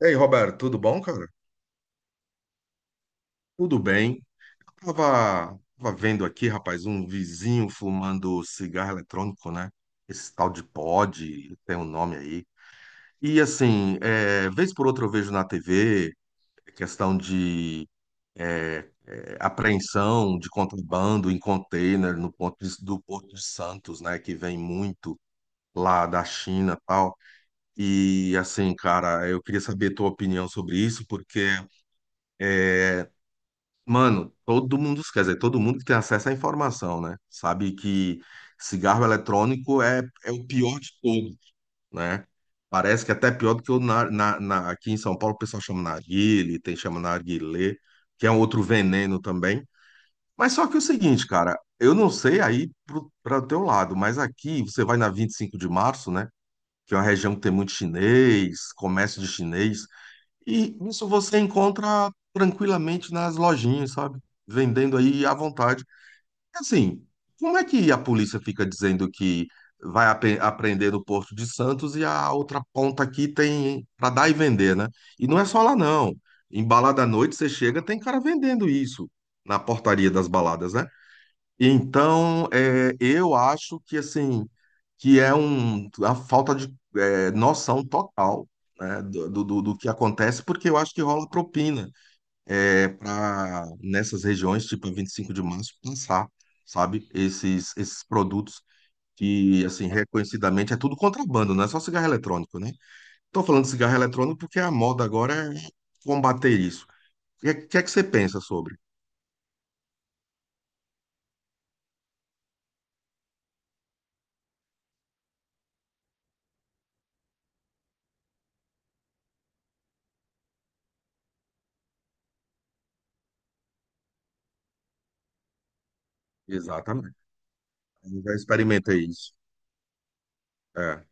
E aí, Roberto, tudo bom, cara? Tudo bem. Eu tava vendo aqui, rapaz, um vizinho fumando cigarro eletrônico, né? Esse tal de pod, tem um nome aí. E assim, é, vez por outra eu vejo na TV questão de apreensão de contrabando em container no do Porto de Santos, né? Que vem muito lá da China e tal. E assim, cara, eu queria saber a tua opinião sobre isso, porque mano, todo mundo, quer dizer, todo mundo que tem acesso à informação, né? Sabe que cigarro eletrônico é o pior de tudo, né? Parece que é até pior do que o aqui em São Paulo o pessoal chama narguile, tem chama narguilé, que é um outro veneno também. Mas só que é o seguinte, cara, eu não sei aí para o teu lado, mas aqui você vai na 25 de Março, né? Que é uma região que tem muito chinês, comércio de chinês. E isso você encontra tranquilamente nas lojinhas, sabe? Vendendo aí à vontade. Assim, como é que a polícia fica dizendo que apreender no Porto de Santos e a outra ponta aqui tem para dar e vender, né? E não é só lá, não. Em balada à noite, você chega, tem cara vendendo isso na portaria das baladas, né? Então, é, eu acho que assim, a falta de noção total, né, do que acontece, porque eu acho que rola propina, é, para nessas regiões, tipo a 25 de Março, lançar, sabe, esses produtos que, assim, reconhecidamente é tudo contrabando, não é só cigarro eletrônico, né? Estou falando de cigarro eletrônico porque a moda agora é combater isso. É que você pensa sobre? Exatamente. Eu já experimentei isso. É.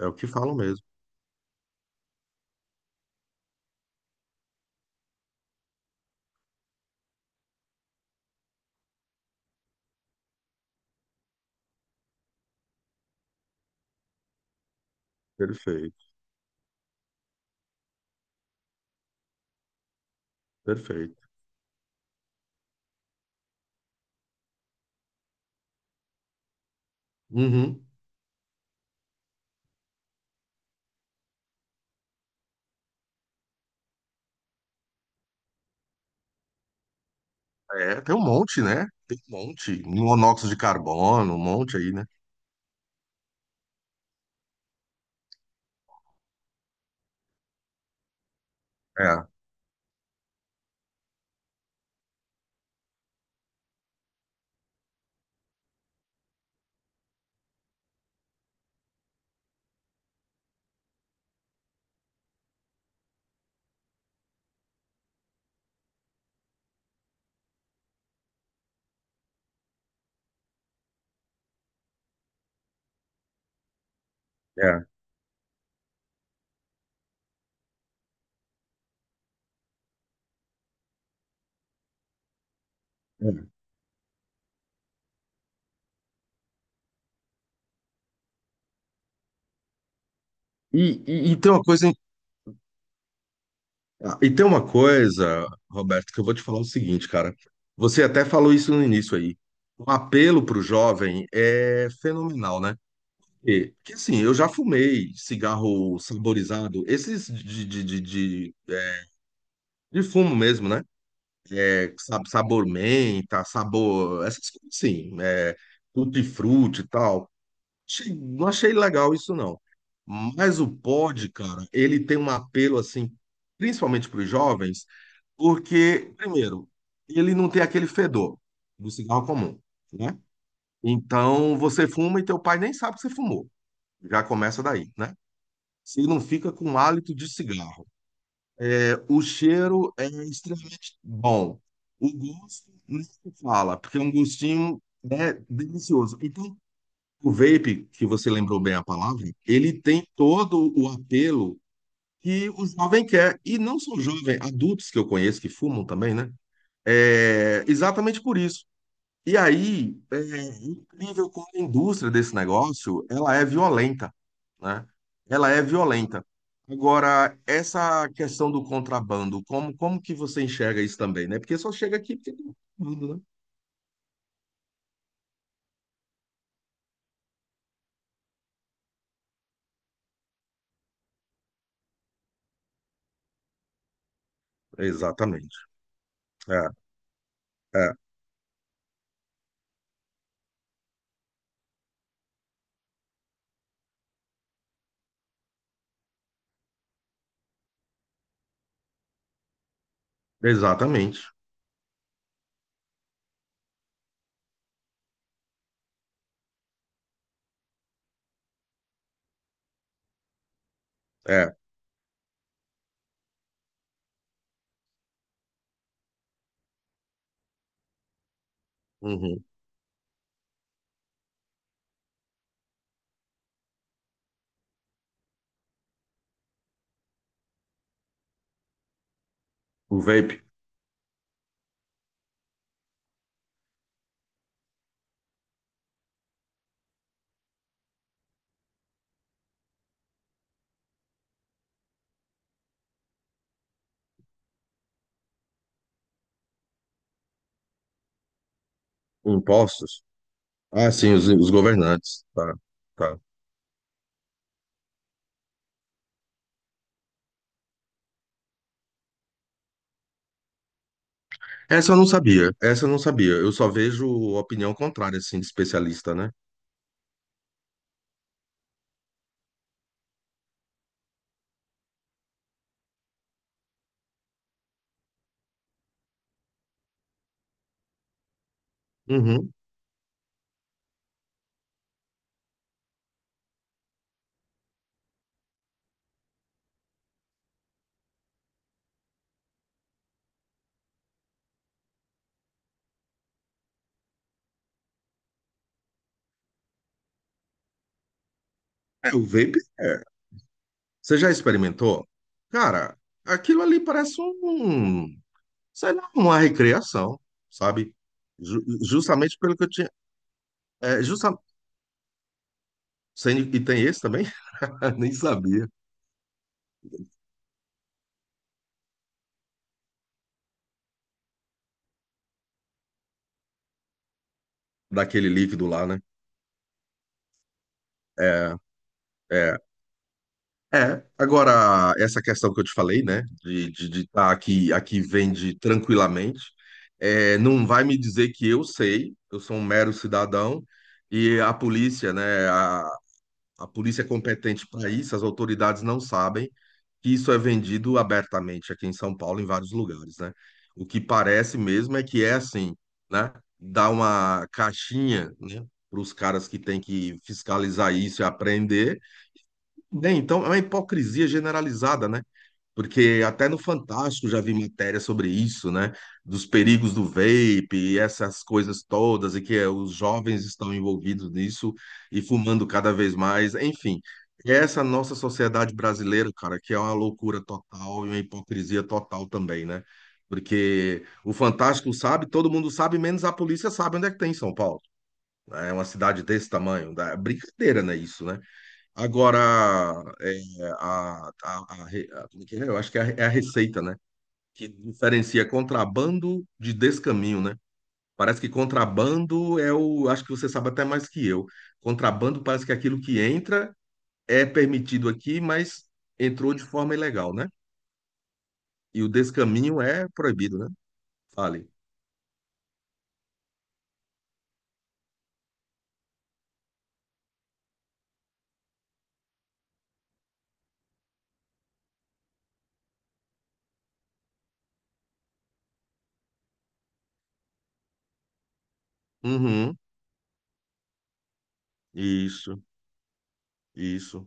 É o que falam mesmo. Perfeito, perfeito. Uhum. É, tem um monte, né? Tem um monte. Monóxido de carbono, um monte aí, né? É, é. É. E tem uma Roberto, que eu vou te falar o seguinte, cara. Você até falou isso no início aí. O apelo para o jovem é fenomenal, né? E, que assim, eu já fumei cigarro saborizado, esses de fumo mesmo, né? É, sabor menta, sabor, essas coisas assim, é, tutti-frutti e tal. Não achei legal isso, não. Mas o pod, cara, ele tem um apelo, assim, principalmente para os jovens, porque, primeiro, ele não tem aquele fedor do cigarro comum, né? Então, você fuma e teu pai nem sabe que você fumou. Já começa daí, né? Você não fica com um hálito de cigarro. O cheiro é extremamente bom. O gosto nem se fala, porque é um gostinho, né, delicioso. Então, o vape, que você lembrou bem a palavra, ele tem todo o apelo que o jovem quer. E não só jovem, adultos que eu conheço que fumam também, né? É exatamente por isso. E aí, é incrível como a indústria desse negócio, ela é violenta, né? Ela é violenta. Agora, essa questão do contrabando, como que você enxerga isso também, né? Porque só chega aqui porque tem contrabando, né? Exatamente. É, é, exatamente. É. Uhum. O vape, impostos. Ah, sim, os governantes. Tá, tá. Essa eu não sabia, essa eu não sabia. Eu só vejo opinião contrária, assim, de especialista, né? Uhum. É, o vape é você já experimentou? Cara, aquilo ali parece um, sei lá, uma recriação, sabe? Justamente pelo que eu tinha. É, justa, sem- e tem esse também? Nem sabia daquele líquido lá, né? É, é, é. Agora, essa questão que eu te falei, né? De de tá aqui, aqui vende tranquilamente, é, não vai me dizer que eu sei, eu sou um mero cidadão, e a polícia, né? A polícia é competente para isso, as autoridades não sabem que isso é vendido abertamente aqui em São Paulo, em vários lugares, né? O que parece mesmo é que é assim, né? Dá uma caixinha, né? Para os caras que têm que fiscalizar isso e apreender. Bem, então é uma hipocrisia generalizada, né? Porque até no Fantástico já vi matéria sobre isso, né? Dos perigos do vape e essas coisas todas, e que os jovens estão envolvidos nisso e fumando cada vez mais. Enfim, essa nossa sociedade brasileira, cara, que é uma loucura total e uma hipocrisia total também, né? Porque o Fantástico sabe, todo mundo sabe, menos a polícia sabe onde é que tem em São Paulo. Né? É uma cidade desse tamanho. É brincadeira, né? Isso, né? Agora, é, como é que é? Eu acho que é a, é a receita, né? Que diferencia contrabando de descaminho, né? Parece que contrabando é o. Acho que você sabe até mais que eu. Contrabando parece que é aquilo que entra é permitido aqui, mas entrou de forma ilegal, né? E o descaminho é proibido, né? Fale. Uhum. Isso, isso.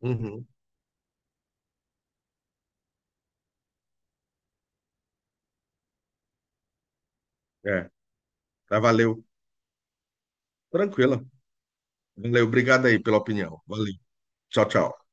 Uhum. É, tá, valeu. Tranquila. Valeu, obrigado aí pela opinião. Valeu. Tchau, tchau.